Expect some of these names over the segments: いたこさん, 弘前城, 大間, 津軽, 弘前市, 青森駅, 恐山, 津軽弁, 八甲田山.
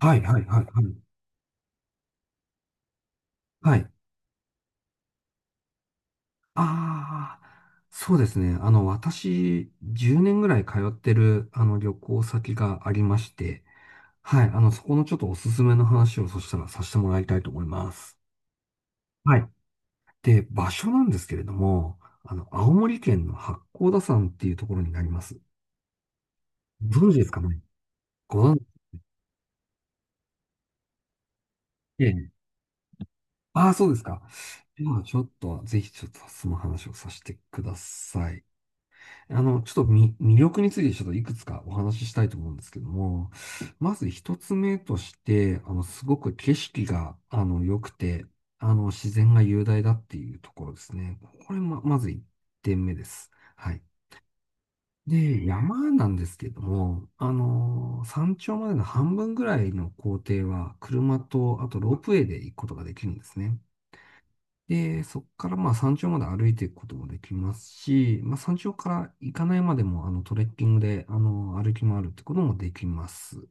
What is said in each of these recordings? はいはいはいはい。はい。ああ、そうですね。私、10年ぐらい通ってる、旅行先がありまして、はい。そこのちょっとおすすめの話をそしたらさせてもらいたいと思います。はい。で、場所なんですけれども、青森県の八甲田山っていうところになります。ご存知ですかね？ご存知。ええ。ああ、そうですか。では、ちょっと、ぜひちょっとその話をさせてください。ちょっと魅力についてちょっといくつかお話ししたいと思うんですけども、まず一つ目として、すごく景色が、良くて、自然が雄大だっていうところですね。これま、まず一点目です。はい。で、山なんですけども、山頂までの半分ぐらいの行程は、車と、あとロープウェイで行くことができるんですね。で、そこからまあ山頂まで歩いていくこともできますし、まあ山頂から行かないまでもトレッキングで歩き回るってこともできます。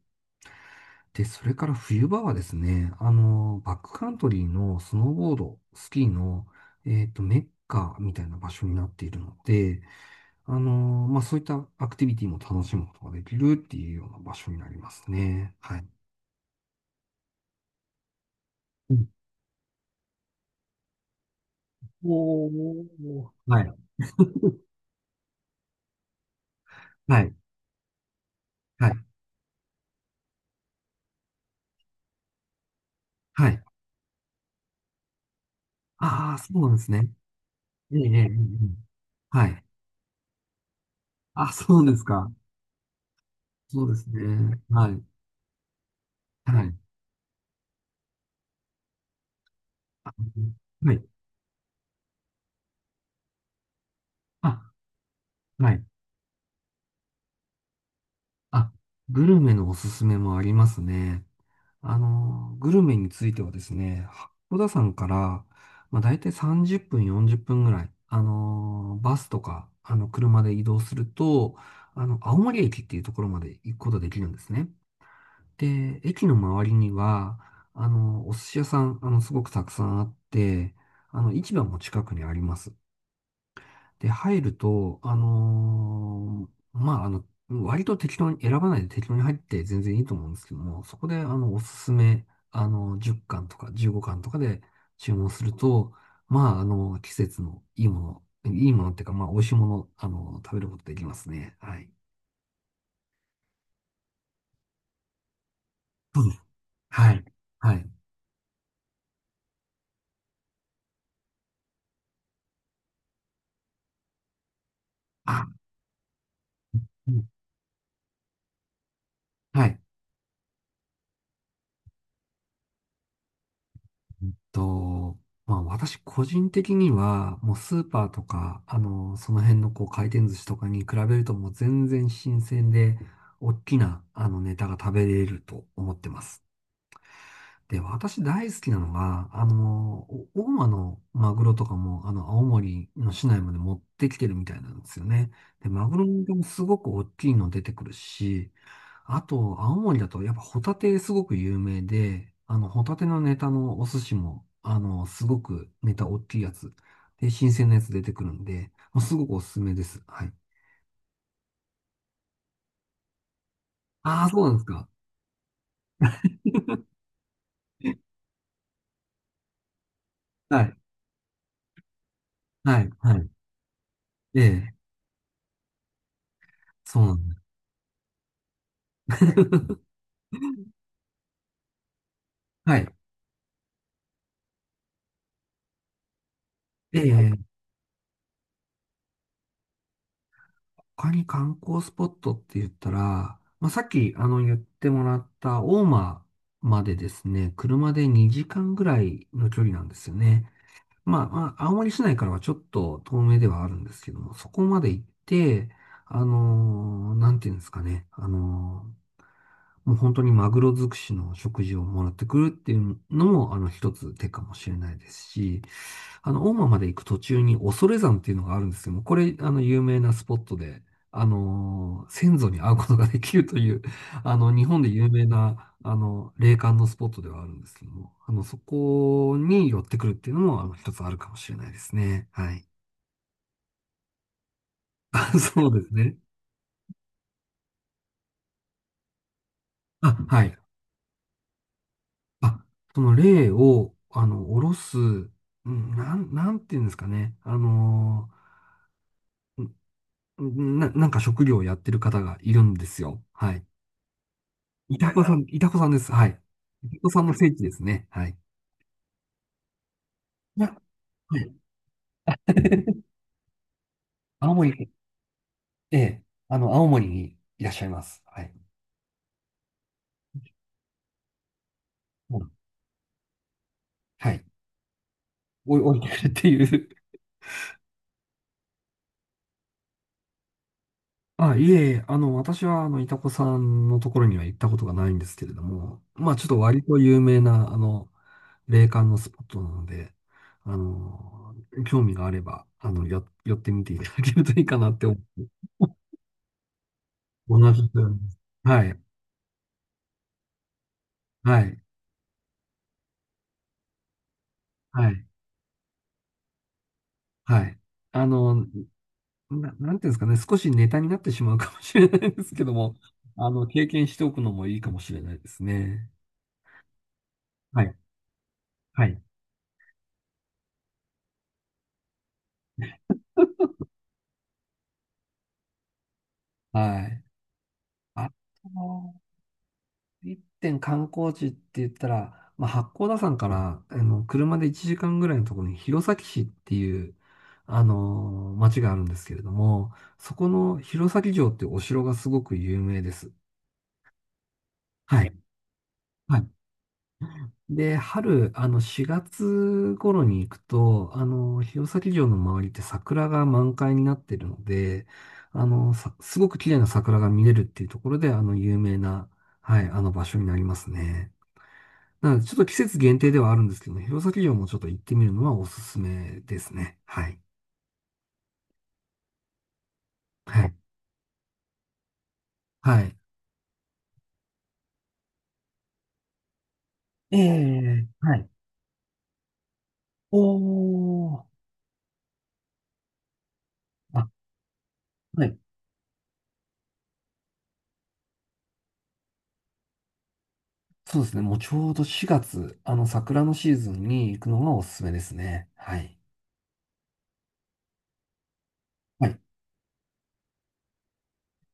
で、それから冬場はですね、バックカントリーのスノーボード、スキーの、メッカみたいな場所になっているので、まあそういったアクティビティも楽しむことができるっていうような場所になりますね。はい。うん。おー、はい。はい。はい。はい。ああ、そうなんですね。ええ、ええ、ええ。はい。あ、そうですか。そうですね。はい。はい。あ、はい。あ、はい。あ、グルメのおすすめもありますね。グルメについてはですね、小田さんから、まあ、大体30分、40分ぐらい、バスとか、車で移動すると、青森駅っていうところまで行くことができるんですね。で、駅の周りには、お寿司屋さん、すごくたくさんあって、市場も近くにあります。で、入ると、まあ、割と適当に、選ばないで適当に入って全然いいと思うんですけども、そこで、おすすめ、10貫とか15貫とかで注文すると、まあ、季節のいいもの、いいものっていうか、まあ、美味しいもの、食べることできますね。はい。そうです。はい。はい。あ、うん。はい。うんと、まあ私個人的には、もうスーパーとか、その辺のこう回転寿司とかに比べるともう全然新鮮で、大きなネタが食べれると思ってます。で、私大好きなのが、お大間のマグロとかも、青森の市内まで持ってきてるみたいなんですよね。で、マグロもすごく大きいの出てくるし、あと、青森だと、やっぱホタテすごく有名で、ホタテのネタのお寿司も、すごくネタ大きいやつ。で、新鮮なやつ出てくるんで、もうすごくおすすめです。はい。ああ、そうなんですか。はい。はい。はい。ええ、そうなんです。はい。ええ、他に観光スポットって言ったら、まあ、さっき、言ってもらった大間までですね、車で2時間ぐらいの距離なんですよね。まあ、まあ青森市内からはちょっと遠目ではあるんですけども、そこまで行って、なんていうんですかね、もう本当にマグロ尽くしの食事をもらってくるっていうのも、一つ手かもしれないですし、大間まで行く途中に恐山っていうのがあるんですけども、これ、有名なスポットで、先祖に会うことができるという、日本で有名な、霊感のスポットではあるんですけども、そこに寄ってくるっていうのも、一つあるかもしれないですね。はい。あ、そうですね。あ、はい。あ、その霊を、下ろす、なんていうんですかね。ーなんか職業をやってる方がいるんですよ。はい。いたこさん、いたこさんです。はい。いたこさんの聖地ですね。はい。いや、はい。青森、ええ、青森にいらっしゃいます。はい。もう、はい。おい、降りてくるっていう。あ、いえいえ、私は、いたこさんのところには行ったことがないんですけれども、まあ、ちょっと割と有名な、霊感のスポットなので、あの、興味があれば、寄ってみていただけるといいかなって思う。同じく。はい、はい、はい、はい。あの、なんていうんですかね、少しネタになってしまうかもしれないですけども、経験しておくのもいいかもしれないですね。はい。はい。はい。あと、一点観光地って言ったら、まあ、八甲田山から、車で1時間ぐらいのところに弘前市っていう、町があるんですけれども、そこの弘前城っていうお城がすごく有名です。はい。はい。で、春、4月頃に行くと、弘前城の周りって桜が満開になってるので、すごく綺麗な桜が見れるっていうところで、有名な、はい、あの場所になりますね。なので、ちょっと季節限定ではあるんですけども、弘前城もちょっと行ってみるのはおすすめですね。はい。はい。はい。ええ、はい。おー。あ、はい。そうですね。もうちょうど4月、桜のシーズンに行くのがおすすめですね。はい。はい。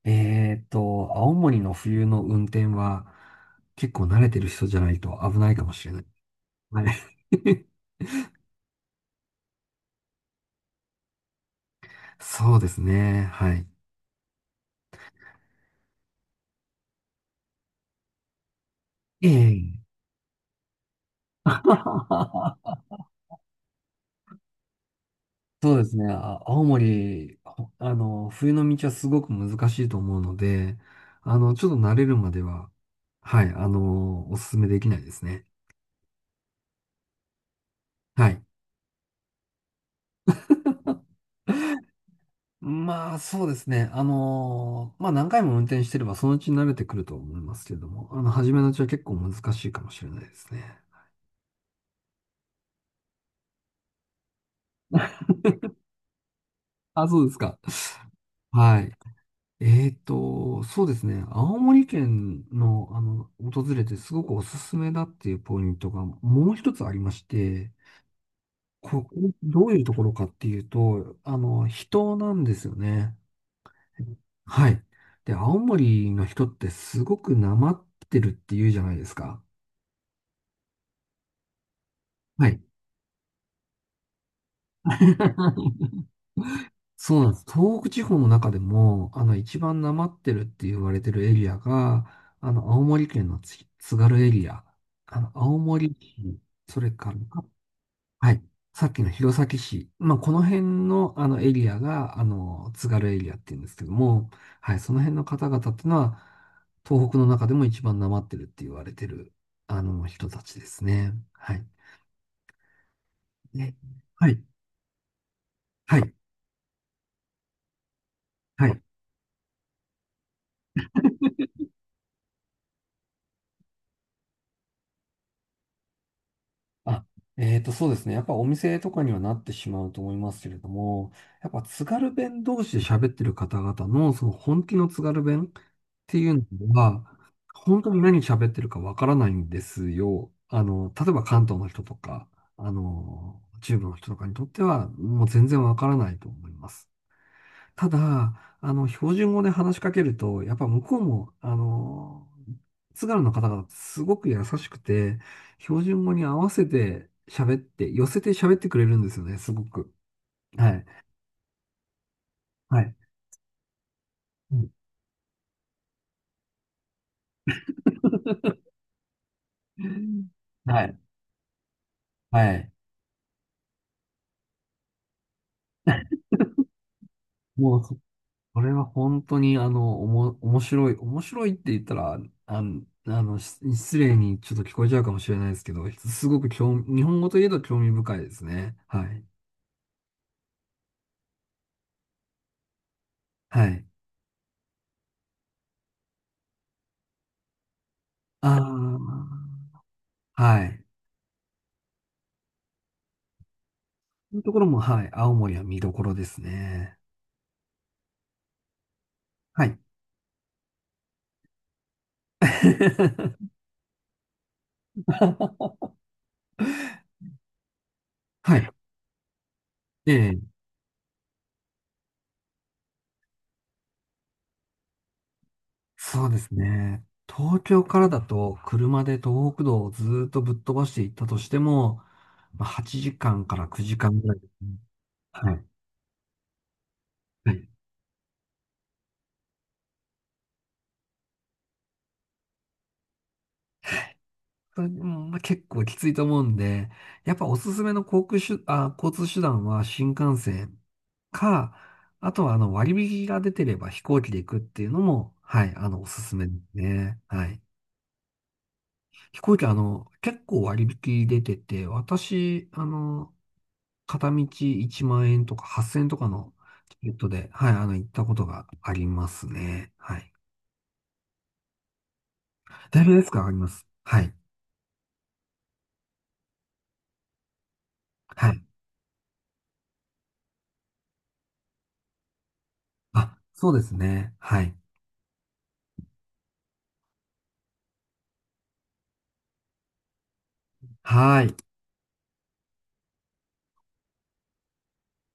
青森の冬の運転は結構慣れてる人じゃないと危ないかもしれない。はい。そうですね。はい。ええ。そうですね。あ、青森、冬の道はすごく難しいと思うので、ちょっと慣れるまでは、はい、おすすめできないですね。はい。まあ、そうですね。まあ何回も運転してればそのうち慣れてくると思いますけれども、初めのうちは結構難しいかもしれないですね。あ、そうですか。はい。えーと、そうですね。青森県の、訪れてすごくおすすめだっていうポイントがもう一つありまして、ここ、どういうところかっていうと、人なんですよね。はい。で、青森の人ってすごくなまってるっていうじゃないですか。はい。 そうなんです。東北地方の中でも、一番なまってるって言われてるエリアが、青森県の津軽エリア、青森市、それから、はい、さっきの弘前市、まあ、この辺の、エリアが、津軽エリアって言うんですけども、はい、その辺の方々っていうのは、東北の中でも一番なまってるって言われてる、人たちですね。はい。ね。はい。はい。はい。あ、えーと、そうですね。やっぱお店とかにはなってしまうと思いますけれども、やっぱ津軽弁同士で喋ってる方々のその本気の津軽弁っていうのは、本当に何喋ってるかわからないんですよ。例えば関東の人とか、中部の人とかにとっては、もう全然わからないと思います。ただ、標準語で話しかけると、やっぱ向こうも、津軽の方がすごく優しくて、標準語に合わせて喋って、寄せて喋ってくれるんですよね、すごく。はい。はい。うん。はい。はい。もう、そそれは本当に、面白い。面白いって言ったら、失礼にちょっと聞こえちゃうかもしれないですけど、すごく興味、日本語といえど興味深いですね。はい。はい。ああ。はい。そういうところも、はい。青森は見どころですね。はい。はい。ええ、そうですね。東京からだと、車で東北道をずーっとぶっ飛ばしていったとしても、まあ、8時間かんから9時間ぐらいですね。はい。はい。それでもまあ、結構きついと思うんで、やっぱおすすめの航空手、あ、交通手段は新幹線か、あとはあの割引が出てれば飛行機で行くっていうのも、はい、おすすめですね。はい。飛行機、結構割引出てて、私、片道1万円とか8000円とかのチケットで、はい、行ったことがありますね。はい。だいぶ安く上がります。はい。はい。あ、そうですね。はい。はい。